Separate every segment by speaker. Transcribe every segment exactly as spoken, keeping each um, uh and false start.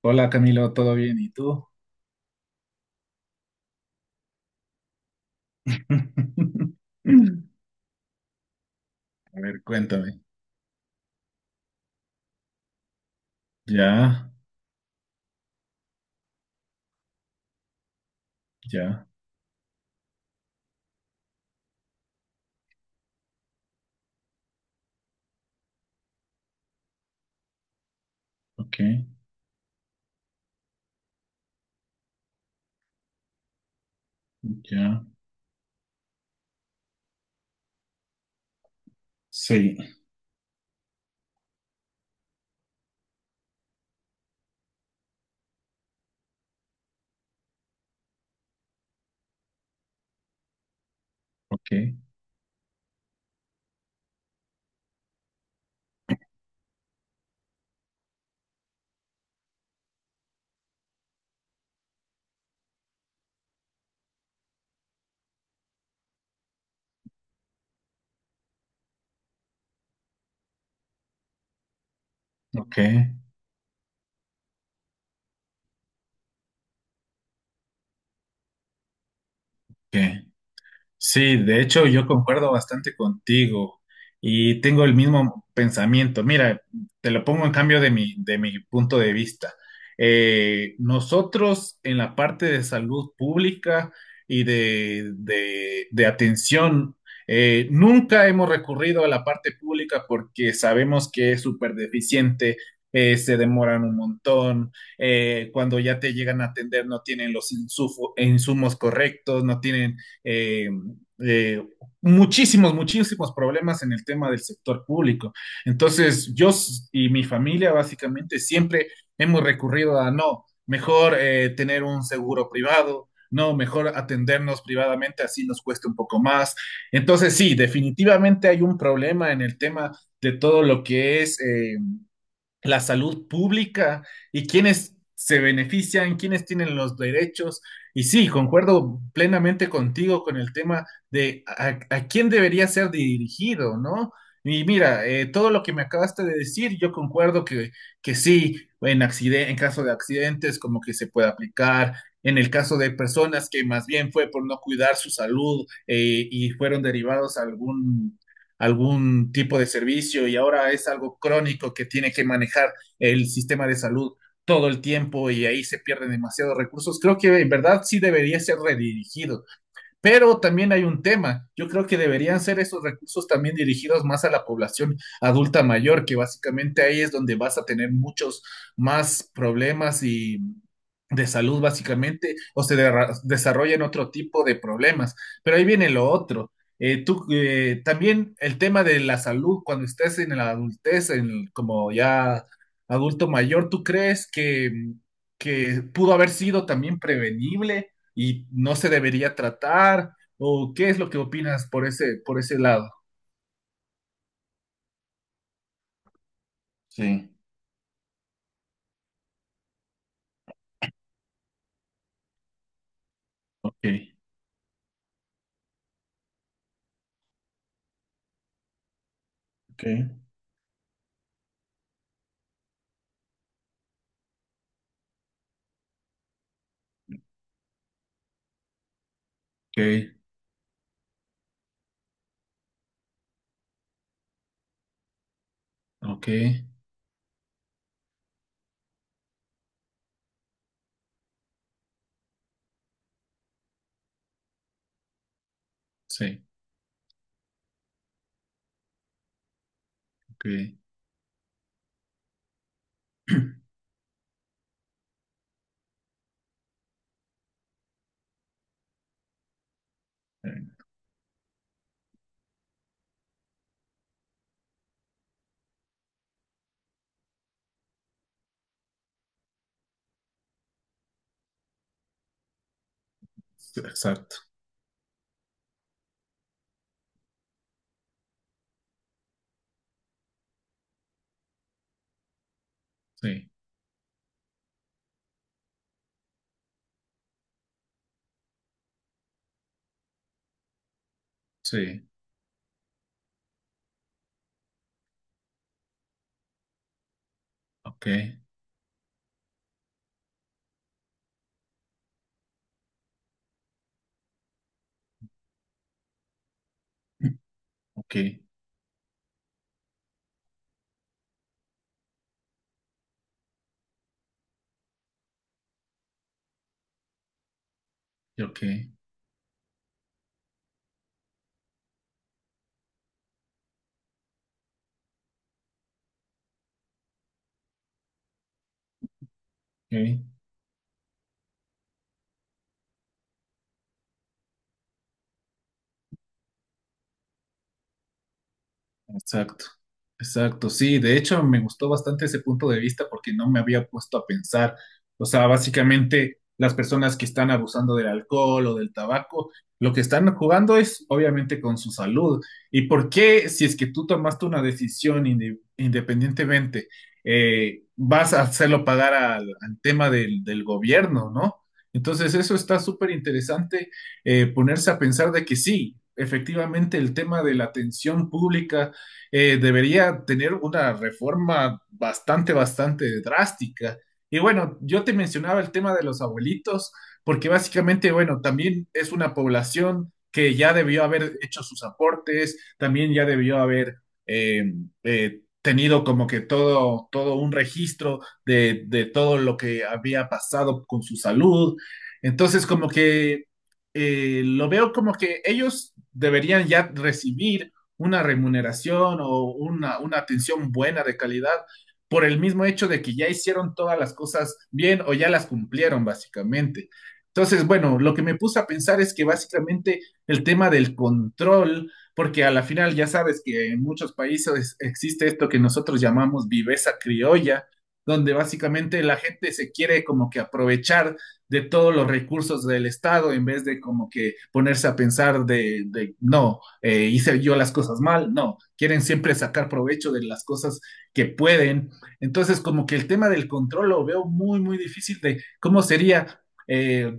Speaker 1: Hola Camilo, ¿todo bien? ¿Y tú? A ver, cuéntame. Ya, ya, ok, ya. Sí, ok, ok, ok. Sí, de hecho yo concuerdo bastante contigo y tengo el mismo pensamiento. Mira, te lo pongo en cambio de mi, de mi punto de vista. Eh, nosotros en la parte de salud pública y de, de- de atención, eh, nunca hemos recurrido a la parte pública porque sabemos que es súper deficiente, eh, se demoran un montón, eh, cuando ya te llegan a atender no tienen los insufo- insumos correctos, no tienen eh, eh, muchísimos, muchísimos problemas en el tema del sector público. Entonces, yo y mi familia básicamente siempre hemos recurrido a no, mejor eh, tener un seguro privado, no, mejor atendernos privadamente, así nos cuesta un poco más. Entonces, sí, definitivamente hay un problema en el tema de todo lo que es, eh, la salud pública y quiénes se benefician, quiénes tienen los derechos. Y sí, concuerdo plenamente contigo con el tema de a, a quién debería ser dirigido, ¿no? Y mira, eh, todo lo que me acabaste de decir, yo concuerdo que, que sí, en, acciden- en caso de accidentes, como que se puede aplicar. En el caso de personas que más bien fue por no cuidar su salud, eh, y fueron derivados a algún algún tipo de servicio y ahora es algo crónico que tiene que manejar el sistema de salud todo el tiempo, y ahí se pierden demasiados recursos. Creo que en verdad sí debería ser redirigido, pero también hay un tema. Yo creo que deberían ser esos recursos también dirigidos más a la población adulta mayor, que básicamente ahí es donde vas a tener muchos más problemas, y de salud básicamente, o se derra- desarrollan otro tipo de problemas. Pero ahí viene lo otro. Eh, tú, eh, también el tema de la salud cuando estés en la adultez, en como ya adulto mayor, ¿tú crees que, que pudo haber sido también prevenible y no se debería tratar? ¿O qué es lo que opinas por ese, por ese lado? Sí. Ok, ok, ok, ok, sí, ok. Exacto, sí, sí. Ok, ok, ok, ok. Exacto, exacto, sí, de hecho me gustó bastante ese punto de vista, porque no me había puesto a pensar, o sea, básicamente las personas que están abusando del alcohol o del tabaco, lo que están jugando es obviamente con su salud. ¿Y por qué, si es que tú tomaste una decisión inde- independientemente, eh, vas a hacerlo pagar al, al tema del, del gobierno? ¿No? Entonces eso está súper interesante, eh, ponerse a pensar de que sí, efectivamente el tema de la atención pública, eh, debería tener una reforma bastante, bastante drástica. Y bueno, yo te mencionaba el tema de los abuelitos, porque básicamente, bueno, también es una población que ya debió haber hecho sus aportes, también ya debió haber eh, eh, tenido como que todo, todo un registro de, de todo lo que había pasado con su salud. Entonces, como que, eh, lo veo como que ellos deberían ya recibir una remuneración o una, una atención buena de calidad, por el mismo hecho de que ya hicieron todas las cosas bien o ya las cumplieron básicamente. Entonces, bueno, lo que me puse a pensar es que básicamente el tema del control, porque a la final ya sabes que en muchos países existe esto que nosotros llamamos viveza criolla, donde básicamente la gente se quiere como que aprovechar de todos los recursos del Estado en vez de como que ponerse a pensar de, de no, eh, hice yo las cosas mal, no, quieren siempre sacar provecho de las cosas que pueden. Entonces, como que el tema del control lo veo muy, muy difícil de cómo sería, eh,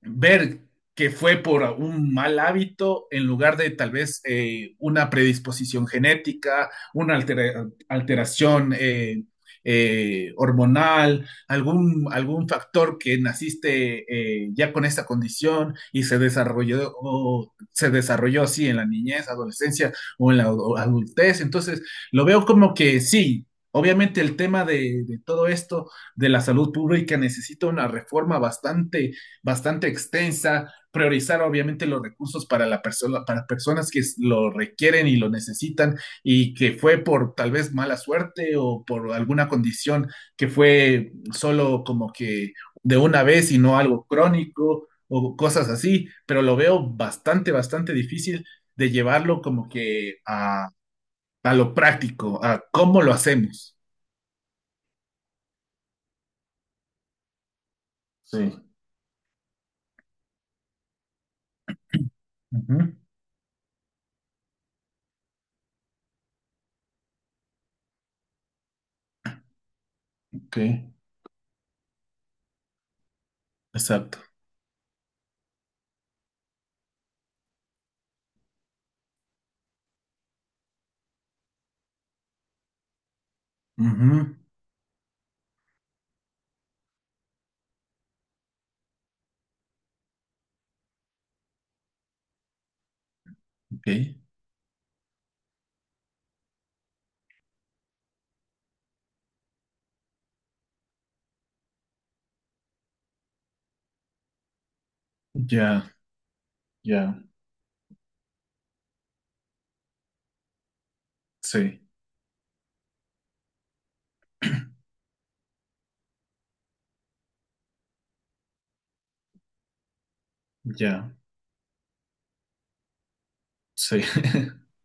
Speaker 1: ver que fue por un mal hábito en lugar de tal vez, eh, una predisposición genética, una altera- alteración, eh, eh, hormonal, algún, algún factor que naciste, eh, ya con esa condición y se desarrolló, o se desarrolló así en la niñez, adolescencia o en la adu- adultez. Entonces, lo veo como que sí. Obviamente el tema de, de todo esto de la salud pública necesita una reforma bastante, bastante extensa, priorizar obviamente los recursos para la persona, para personas que lo requieren y lo necesitan, y que fue por tal vez mala suerte o por alguna condición que fue solo como que de una vez y no algo crónico o cosas así, pero lo veo bastante, bastante difícil de llevarlo como que a, a lo práctico, a cómo lo hacemos. Sí. Ujú, ok, exacto. Ujú, ok, ya, ya. Sí, ya, sí,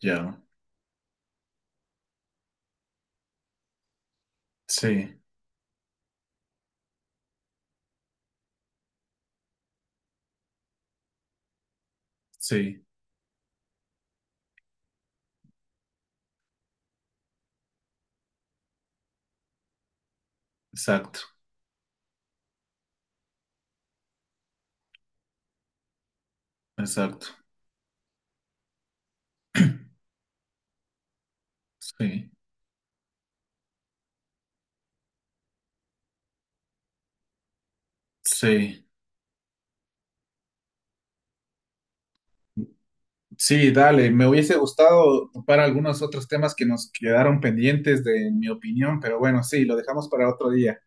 Speaker 1: ya, sí, sí, exacto, exacto, sí, sí. Sí, dale, me hubiese gustado para algunos otros temas que nos quedaron pendientes de mi opinión, pero bueno, sí, lo dejamos para otro día.